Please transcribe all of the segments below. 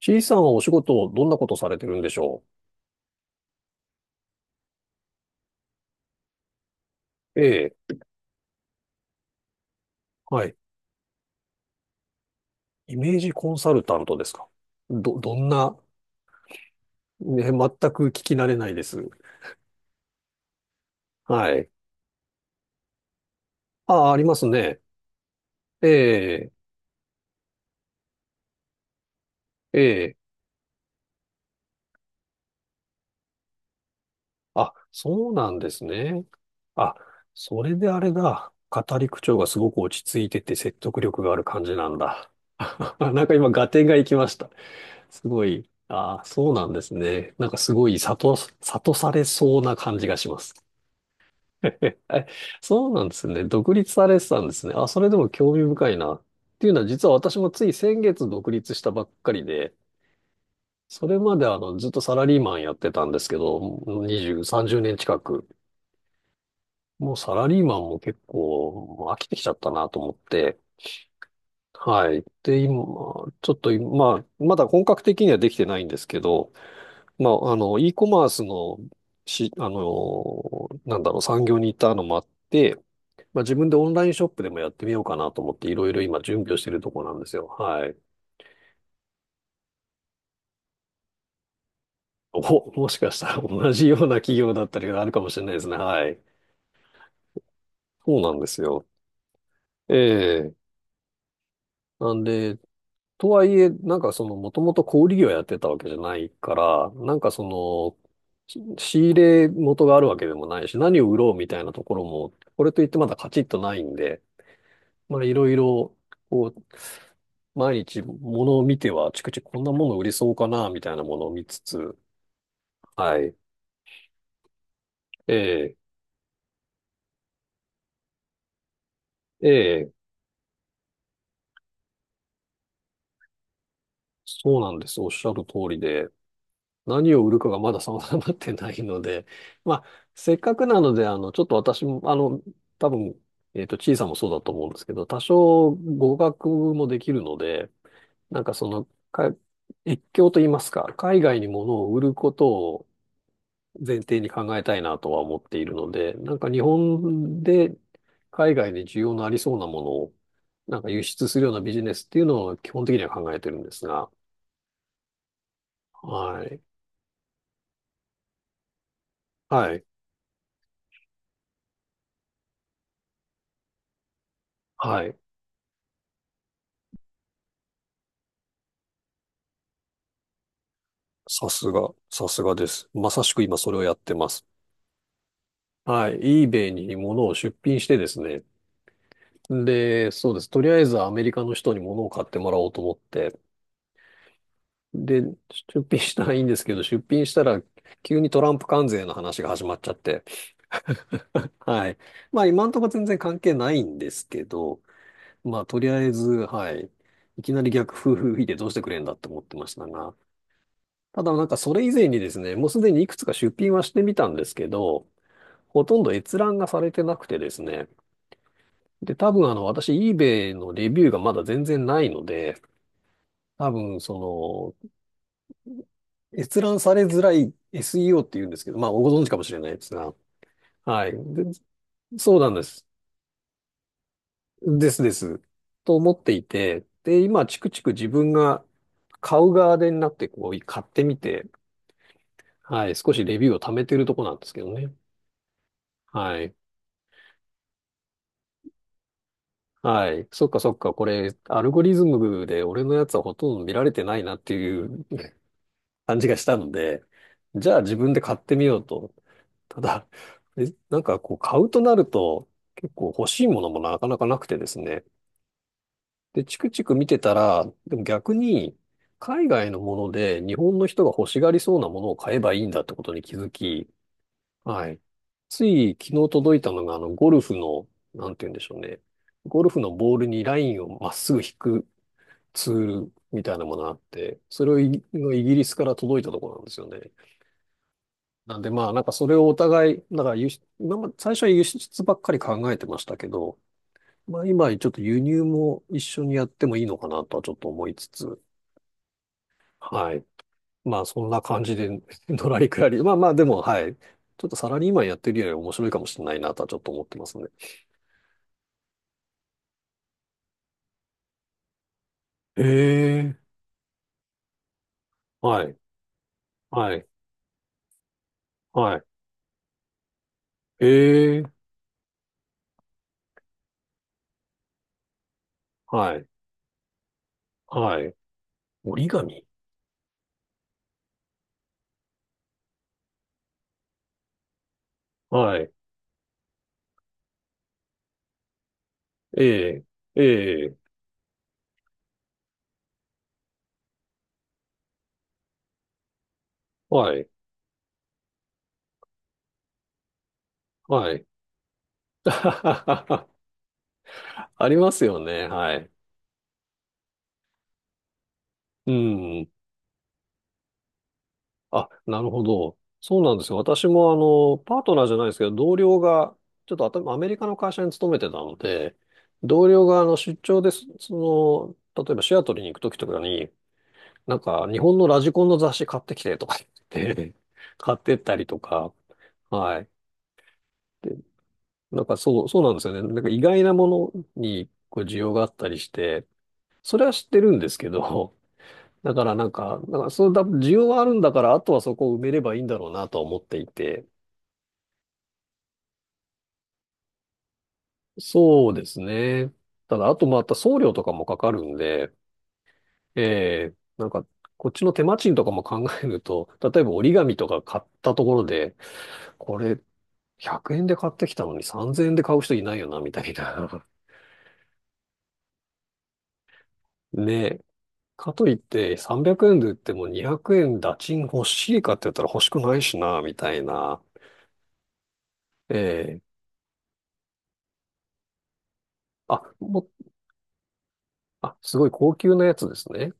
C さんはお仕事をどんなことされてるんでしょう。ええ、はい。イメージコンサルタントですか？ど、どんな、ね、全く聞き慣れないです。はい。あ、ありますね。ええ、ええ。あ、そうなんですね。あ、それであれだ。語り口調がすごく落ち着いてて説得力がある感じなんだ。なんか今、合点がいきました。すごい。ああ、そうなんですね。なんかすごい、悟、悟されそうな感じがします。えそうなんですね。独立されてたんですね。あ、それでも興味深いな。っていうのは、実は私もつい先月独立したばっかりで、それまでずっとサラリーマンやってたんですけど、20、30年近く。もうサラリーマンも結構もう飽きてきちゃったなと思って。はい。で、今、ちょっと今、まだ本格的にはできてないんですけど、e コマースの、し、なんだろう、産業にいたのもあって、まあ、自分でオンラインショップでもやってみようかなと思っていろいろ今準備をしているところなんですよ。はい。お、もしかしたら同じような企業だったりがあるかもしれないですね。はい。そうなんですよ。ええ。なんで、とはいえ、なんかその、もともと小売業やってたわけじゃないから、なんかその、し仕入れ元があるわけでもないし、何を売ろうみたいなところも、これといってまだカチッとないんで、いろいろ、こう、毎日物を見ては、あちくちこんなもの売りそうかな、みたいなものを見つつ、はい。ええ、ええ、そうなんです。おっしゃる通りで、何を売るかがまだ定まってないので、まあ、せっかくなので、ちょっと私も、多分、小さんもそうだと思うんですけど、多少語学もできるので、なんかその、か越境と言いますか、海外に物を売ることを、前提に考えたいなとは思っているので、なんか日本で海外で需要のありそうなものを、なんか輸出するようなビジネスっていうのを基本的には考えてるんですが、はい。はい。はい。さすが、さすがです。まさしく今それをやってます。はい。eBay に物を出品してですね。で、そうです。とりあえずアメリカの人に物を買ってもらおうと思って。で、出品したらいいんですけど、出品したら急にトランプ関税の話が始まっちゃって。はい。まあ今んとこ全然関係ないんですけど、まあとりあえず、はい。いきなり逆風吹いてどうしてくれんだって思ってましたが、ただなんかそれ以前にですね、もうすでにいくつか出品はしてみたんですけど、ほとんど閲覧がされてなくてですね、で、多分あの私 eBay のレビューがまだ全然ないので、その閲覧されづらい SEO っていうんですけど、まあご存知かもしれないですが、はい。でそうなんです。ですです。と思っていて、で、今、チクチク自分が買う側でになって、こう、買ってみて、はい、少しレビューを貯めてるとこなんですけどね。はい。はい。そっかそっか。これ、アルゴリズムで俺のやつはほとんど見られてないなっていうね感じがしたので、じゃあ自分で買ってみようと。ただ、えなんかこう、買うとなると、結構欲しいものもなかなかなくてですね。で、チクチク見てたら、でも逆に、海外のもので日本の人が欲しがりそうなものを買えばいいんだってことに気づき、はい。つい昨日届いたのが、ゴルフの、なんて言うんでしょうね。ゴルフのボールにラインをまっすぐ引くツールみたいなものがあって、それをイギイギリスから届いたところなんですよね。なんでまあ、なんかそれをお互い、だから輸出、今まで最初は輸出ばっかり考えてましたけど、まあ今ちょっと輸入も一緒にやってもいいのかなとはちょっと思いつつ、はい。まあ、そんな感じで、のらりくらり。まあまあ、でも、はい。ちょっとサラリーマンやってるより面白いかもしれないなとはちょっと思ってますね。ええ。はい。はい。はい。ええ。はい。はい。折り紙はい。ええ。ええ。はい。はい。ありますよね。はい。うん。あ、なるほど。そうなんですよ。私もあの、パートナーじゃないですけど、同僚が、ちょっとあたアメリカの会社に勤めてたので、同僚があの出張です、その、例えばシアトルに行くときとかに、なんか日本のラジコンの雑誌買ってきてとか言って、買ってったりとか、はい。で、なんかそう、そうなんですよね。なんか意外なものにこう需要があったりして、それは知ってるんですけど、だからなんか、なんかそうだ、需要はあるんだから、あとはそこを埋めればいいんだろうなとは思っていて、そうですね。ただ、あとまた送料とかもかかるんで、ええなんか、こっちの手間賃とかも考えると、例えば折り紙とか買ったところで、これ100円で買ってきたのに3000円で買う人いないよな、みたいな。ね。かといって300円で売っても200円打賃欲しいかって言ったら欲しくないしな、みたいな。ええあ、もう、あ、すごい高級なやつですね。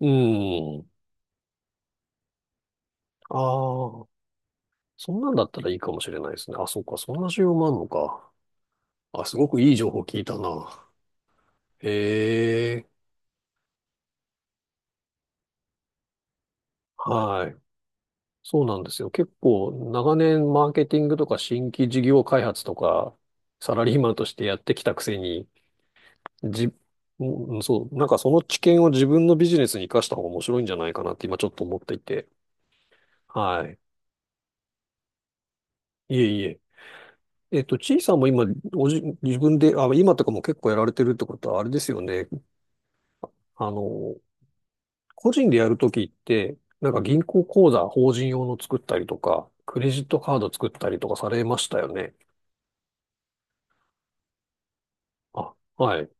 うん。ああ。そんなんだったらいいかもしれないですね。あ、そうか、そんな需要もあるのか。あ、すごくいい情報聞いたな。へえ、はい。そうなんですよ。結構、長年マーケティングとか新規事業開発とか、サラリーマンとしてやってきたくせに、じ、うんそう、なんかその知見を自分のビジネスに活かした方が面白いんじゃないかなって今ちょっと思っていて。はい。いえいえ。ちいさんも今、おじ、自分で、あ、今とかも結構やられてるってことは、あれですよね。あの、個人でやるときって、なんか銀行口座、法人用の作ったりとか、クレジットカード作ったりとかされましたよね。あ、はい。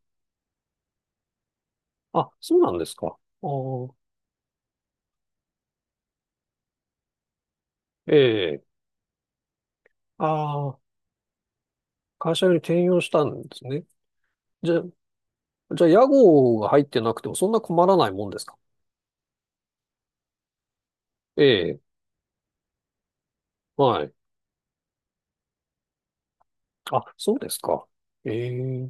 あ、そうなんですか。あーええ。ああ、会社に転用したんですね。じゃ、じゃあ、屋号が入ってなくてもそんな困らないもんですか？ええ、はい。あ、そうですか。ええ。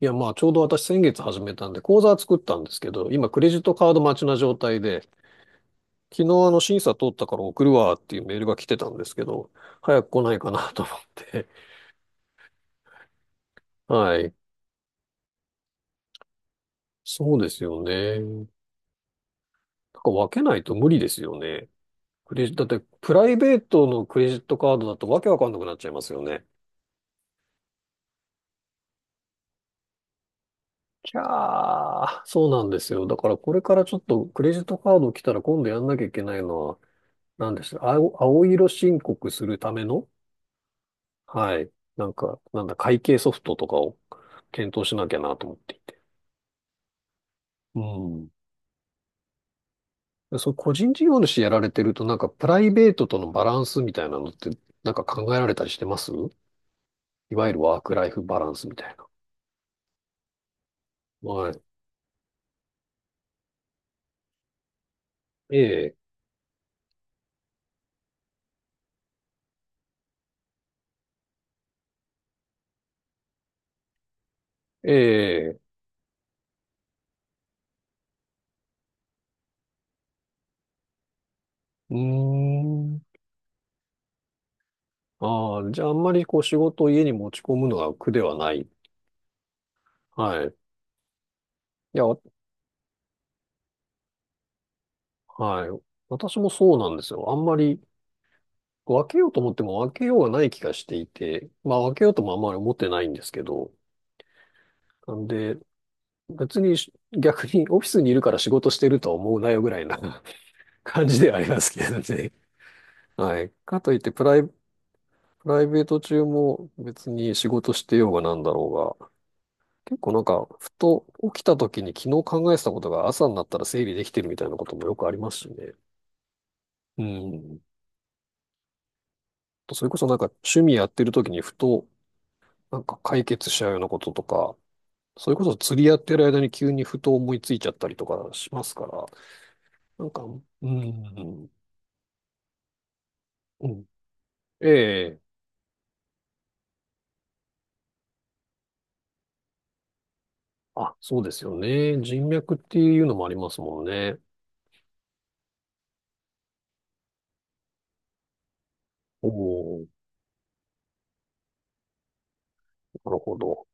いや、まあ、ちょうど私先月始めたんで、口座は作ったんですけど、今、クレジットカード待ちな状態で、昨日あの審査通ったから送るわっていうメールが来てたんですけど、早く来ないかなと思って。はい。そうですよね。なんか分けないと無理ですよね。クレジ、だってプライベートのクレジットカードだとわけわかんなくなっちゃいますよね。じゃー、そうなんですよ。だからこれからちょっとクレジットカード来たら今度やんなきゃいけないのは、何でした青、青色申告するための、はい。なんか、なんだ、会計ソフトとかを検討しなきゃなと思っていて。うん。そう、個人事業主やられてると、なんかプライベートとのバランスみたいなのって、なんか考えられたりしてます？いわゆるワークライフバランスみたいな。はい。ええ、ええ、うーん。ああ、じゃああんまりこう仕事を家に持ち込むのが苦ではない。はい。いや、わはい。私もそうなんですよ。あんまりこう分けようと思っても分けようがない気がしていて、まあ分けようともあんまり思ってないんですけど、なんで、別にし 逆にオフィスにいるから仕事してるとは思うなよぐらいな 感じではありますけどね。はい。かといってプライ、プライベート中も別に仕事してようがなんだろうが、結構なんか、ふと起きた時に昨日考えてたことが朝になったら整理できてるみたいなこともよくありますしね。うん。それこそなんか趣味やってる時にふとなんか解決しちゃうようなこととか、それこそ釣りやってる間に急にふと思いついちゃったりとかしますから、なんか、うん、うん、ええ、あ、そうですよね。人脈っていうのもありますもんね。おお、なるほど。